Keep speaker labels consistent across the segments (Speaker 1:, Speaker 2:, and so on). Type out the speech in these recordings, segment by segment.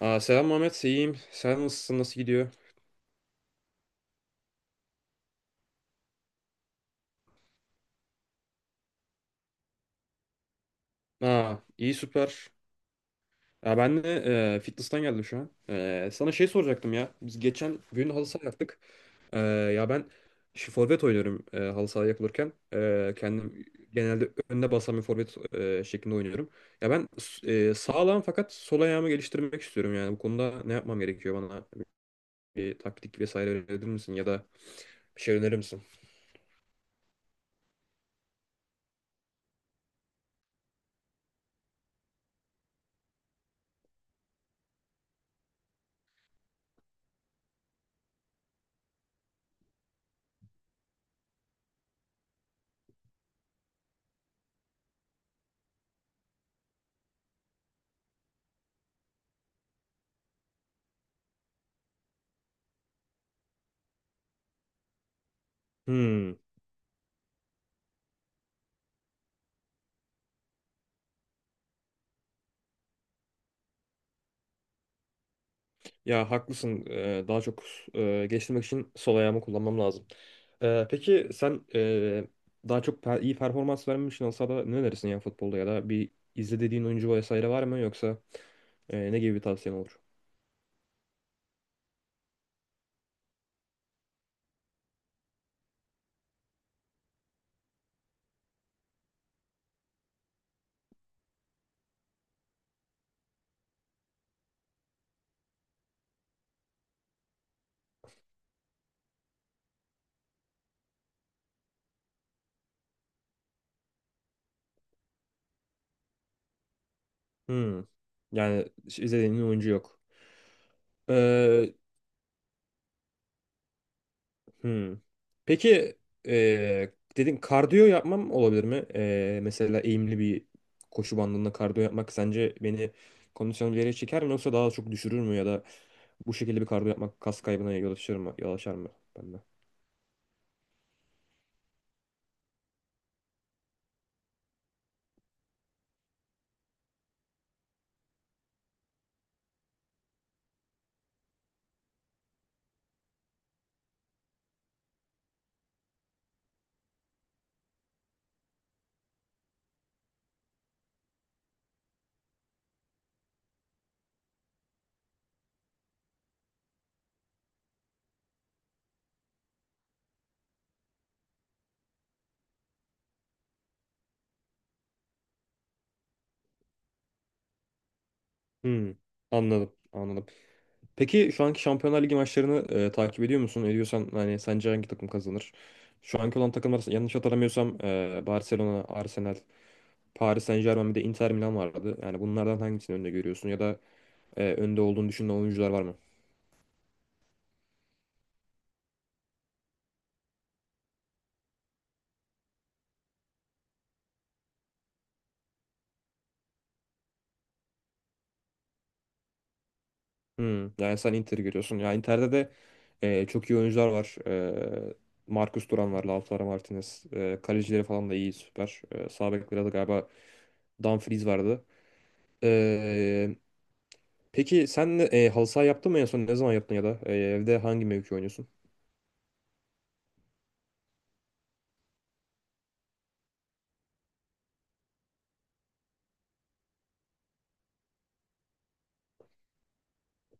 Speaker 1: Aa, selam Mehmet, iyiyim. Sen nasılsın, nasıl gidiyor? Aa, iyi süper. Ya ben de fitness'tan geldim şu an. Sana şey soracaktım ya. Biz geçen gün halı saha yaptık. Ya ben şu forvet oynuyorum halı saha yapılırken. Kendim genelde önde basan bir forvet şeklinde oynuyorum. Ya ben sağlam fakat sol ayağımı geliştirmek istiyorum yani. Bu konuda ne yapmam gerekiyor bana? Bir taktik vesaire önerir misin ya da bir şey önerir misin? Hmm. Ya haklısın. Daha çok geliştirmek için sol ayağımı kullanmam lazım. Peki sen daha çok iyi performans vermek için olsa da ne önerirsin ya futbolda ya da bir izle dediğin oyuncu vesaire var mı yoksa ne gibi bir tavsiyen olur? Hmm. Yani hiç izlediğin oyuncu yok. Ee, Hmm. Peki dedin kardiyo yapmam olabilir mi? Mesela eğimli bir koşu bandında kardiyo yapmak sence beni kondisyonu bir yere çeker mi yoksa daha çok düşürür mü ya da bu şekilde bir kardiyo yapmak kas kaybına yol açar mı? Yol açar mı bende? Hmm. Anladım, anladım. Peki şu anki Şampiyonlar Ligi maçlarını takip ediyor musun? Ediyorsan hani sence hangi takım kazanır? Şu anki olan takımlar yanlış hatırlamıyorsam Barcelona, Arsenal, Paris Saint-Germain bir de Inter Milan vardı. Yani bunlardan hangisini önde görüyorsun ya da önde olduğunu düşündüğün oyuncular var mı? Yani sen Inter'i görüyorsun. Ya Inter'de de çok iyi oyuncular var. E, Marcus Thuram var, Lautaro Martinez. Kalecileri falan da iyi, süper. Sağ bekleri de galiba Dumfries vardı. E, peki sen halı saha yaptın mı en son? Ne zaman yaptın ya da evde hangi mevki oynuyorsun?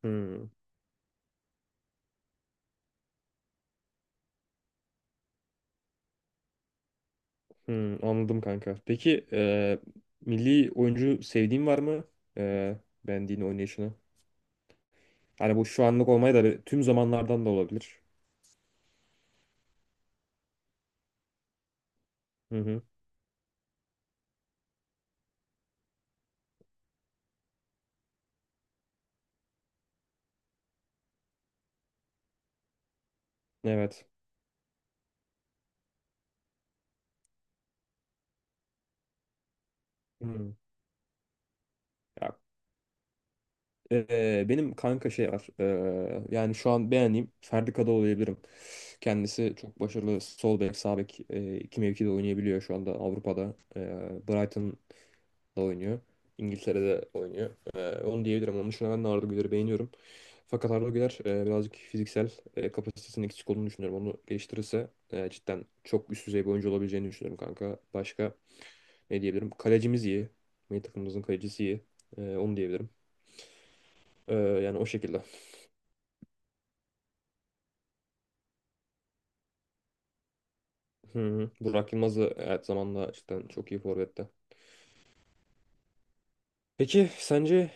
Speaker 1: Hmm. Anladım kanka. Peki milli oyuncu sevdiğin var mı? E, beğendiğin oynayışını. Hani bu şu anlık olmayı da tüm zamanlardan da olabilir. Hı hı. Evet. Hmm. Ya, benim kanka şey var. Yani şu an beğendiğim Ferdi Kadıoğlu diyebilirim. Kendisi çok başarılı sol bek, sağ bek iki mevkide oynayabiliyor şu anda Avrupa'da. Brighton oynuyor. İngiltere'de oynuyor. Onu diyebilirim. Onun dışında ben de Arda Güler'i beğeniyorum. Fakat Arda Güler birazcık fiziksel kapasitesinin eksik olduğunu düşünüyorum. Onu geliştirirse cidden çok üst düzey bir oyuncu olabileceğini düşünüyorum kanka. Başka ne diyebilirim? Kalecimiz iyi. Milli takımımızın kalecisi iyi. Onu diyebilirim. Yani o şekilde. Hı hı. Burak Yılmaz da evet zamanla cidden çok iyi forvette. Peki sence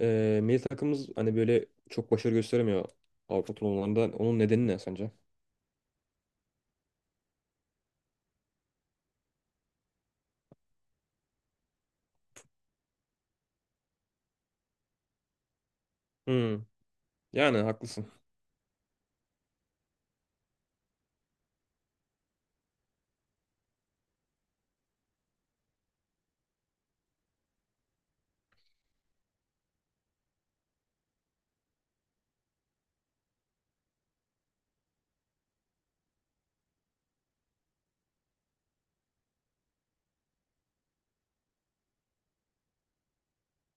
Speaker 1: milli takımımız hani böyle çok başarı gösteremiyor Avrupa turnuvalarında. Onun nedeni ne sence? Hı. Yani haklısın.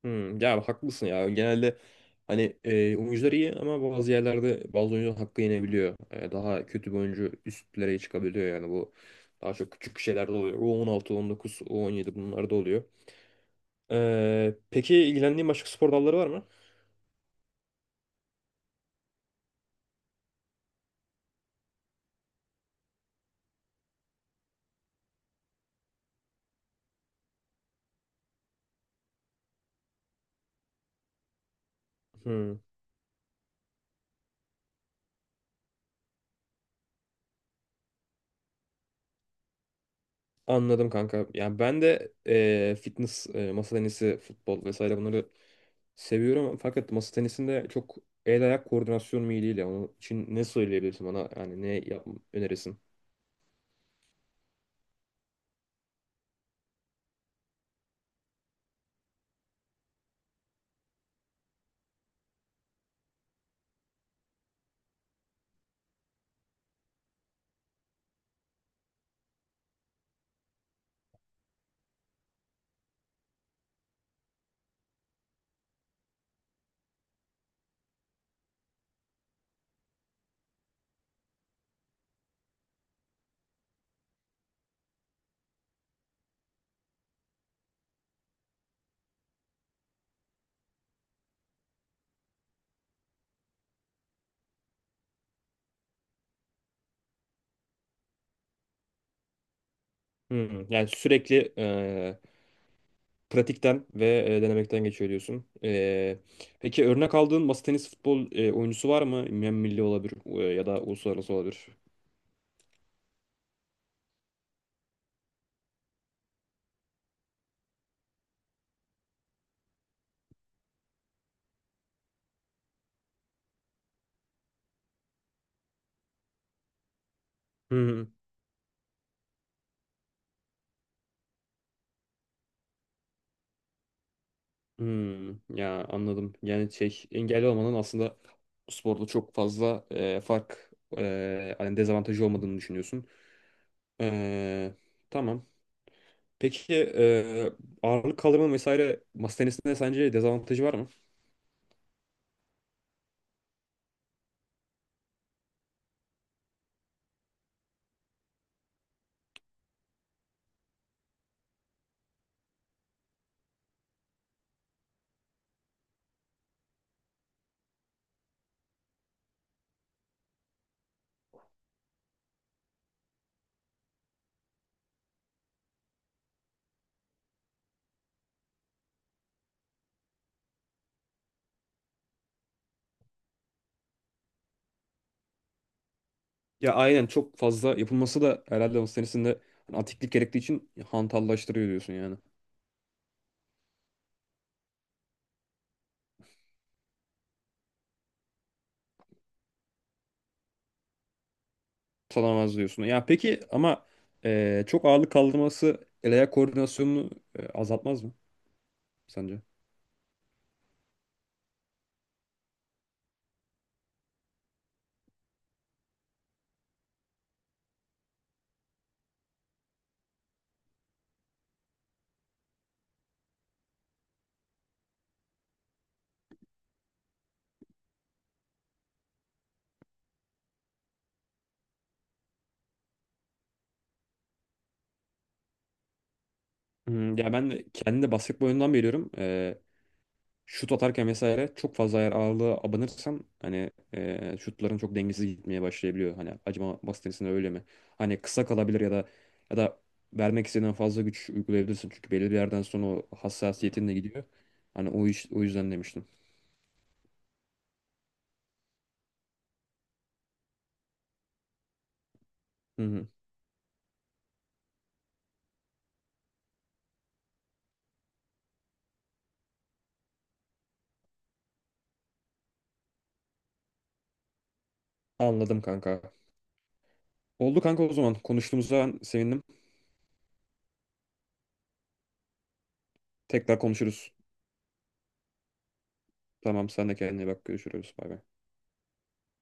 Speaker 1: Ya haklısın ya. Genelde hani oyuncular iyi ama bazı yerlerde bazı oyuncular hakkı yenebiliyor. Daha kötü bir oyuncu üstlere çıkabiliyor yani bu daha çok küçük şeylerde oluyor. U16, U19, U17 bunlar da oluyor. Peki ilgilendiğin başka spor dalları var mı? Hmm, anladım kanka. Yani ben de fitness, masa tenisi, futbol vesaire bunları seviyorum. Fakat masa tenisinde çok el ayak koordinasyon mu iyi değil ya. Onun için ne söyleyebilirsin bana? Yani ne yap önerirsin? Yani sürekli pratikten ve denemekten geçiyor diyorsun. Peki örnek aldığın masa tenisi futbol oyuncusu var mı? Hem milli olabilir ya da uluslararası olabilir. Hmm, ya anladım. Yani şey engelli olmanın aslında bu sporda çok fazla fark hani dezavantajı olmadığını düşünüyorsun. E, tamam. Peki ağırlık kaldırma vesaire masa tenisinde sence dezavantajı var mı? Ya aynen çok fazla yapılması da herhalde o senesinde antiklik gerektiği için hantallaştırıyor diyorsun yani. Tutamaz diyorsun. Ya peki ama çok ağırlık kaldırması el ayak koordinasyonunu azaltmaz mı sence? Ya ben de kendi de basketbol oyundan biliyorum. Şut atarken vesaire çok fazla eğer ağırlığa abanırsam hani şutların çok dengesiz gitmeye başlayabiliyor. Hani acaba masa tenisinde öyle mi? Hani kısa kalabilir ya da ya da vermek istediğinden fazla güç uygulayabilirsin. Çünkü belli bir yerden sonra o hassasiyetin de gidiyor. Hani o iş, o yüzden demiştim. Hı hı. Anladım kanka. Oldu kanka o zaman. Konuştuğumuza sevindim. Tekrar konuşuruz. Tamam sen de kendine iyi bak. Görüşürüz. Bay bay.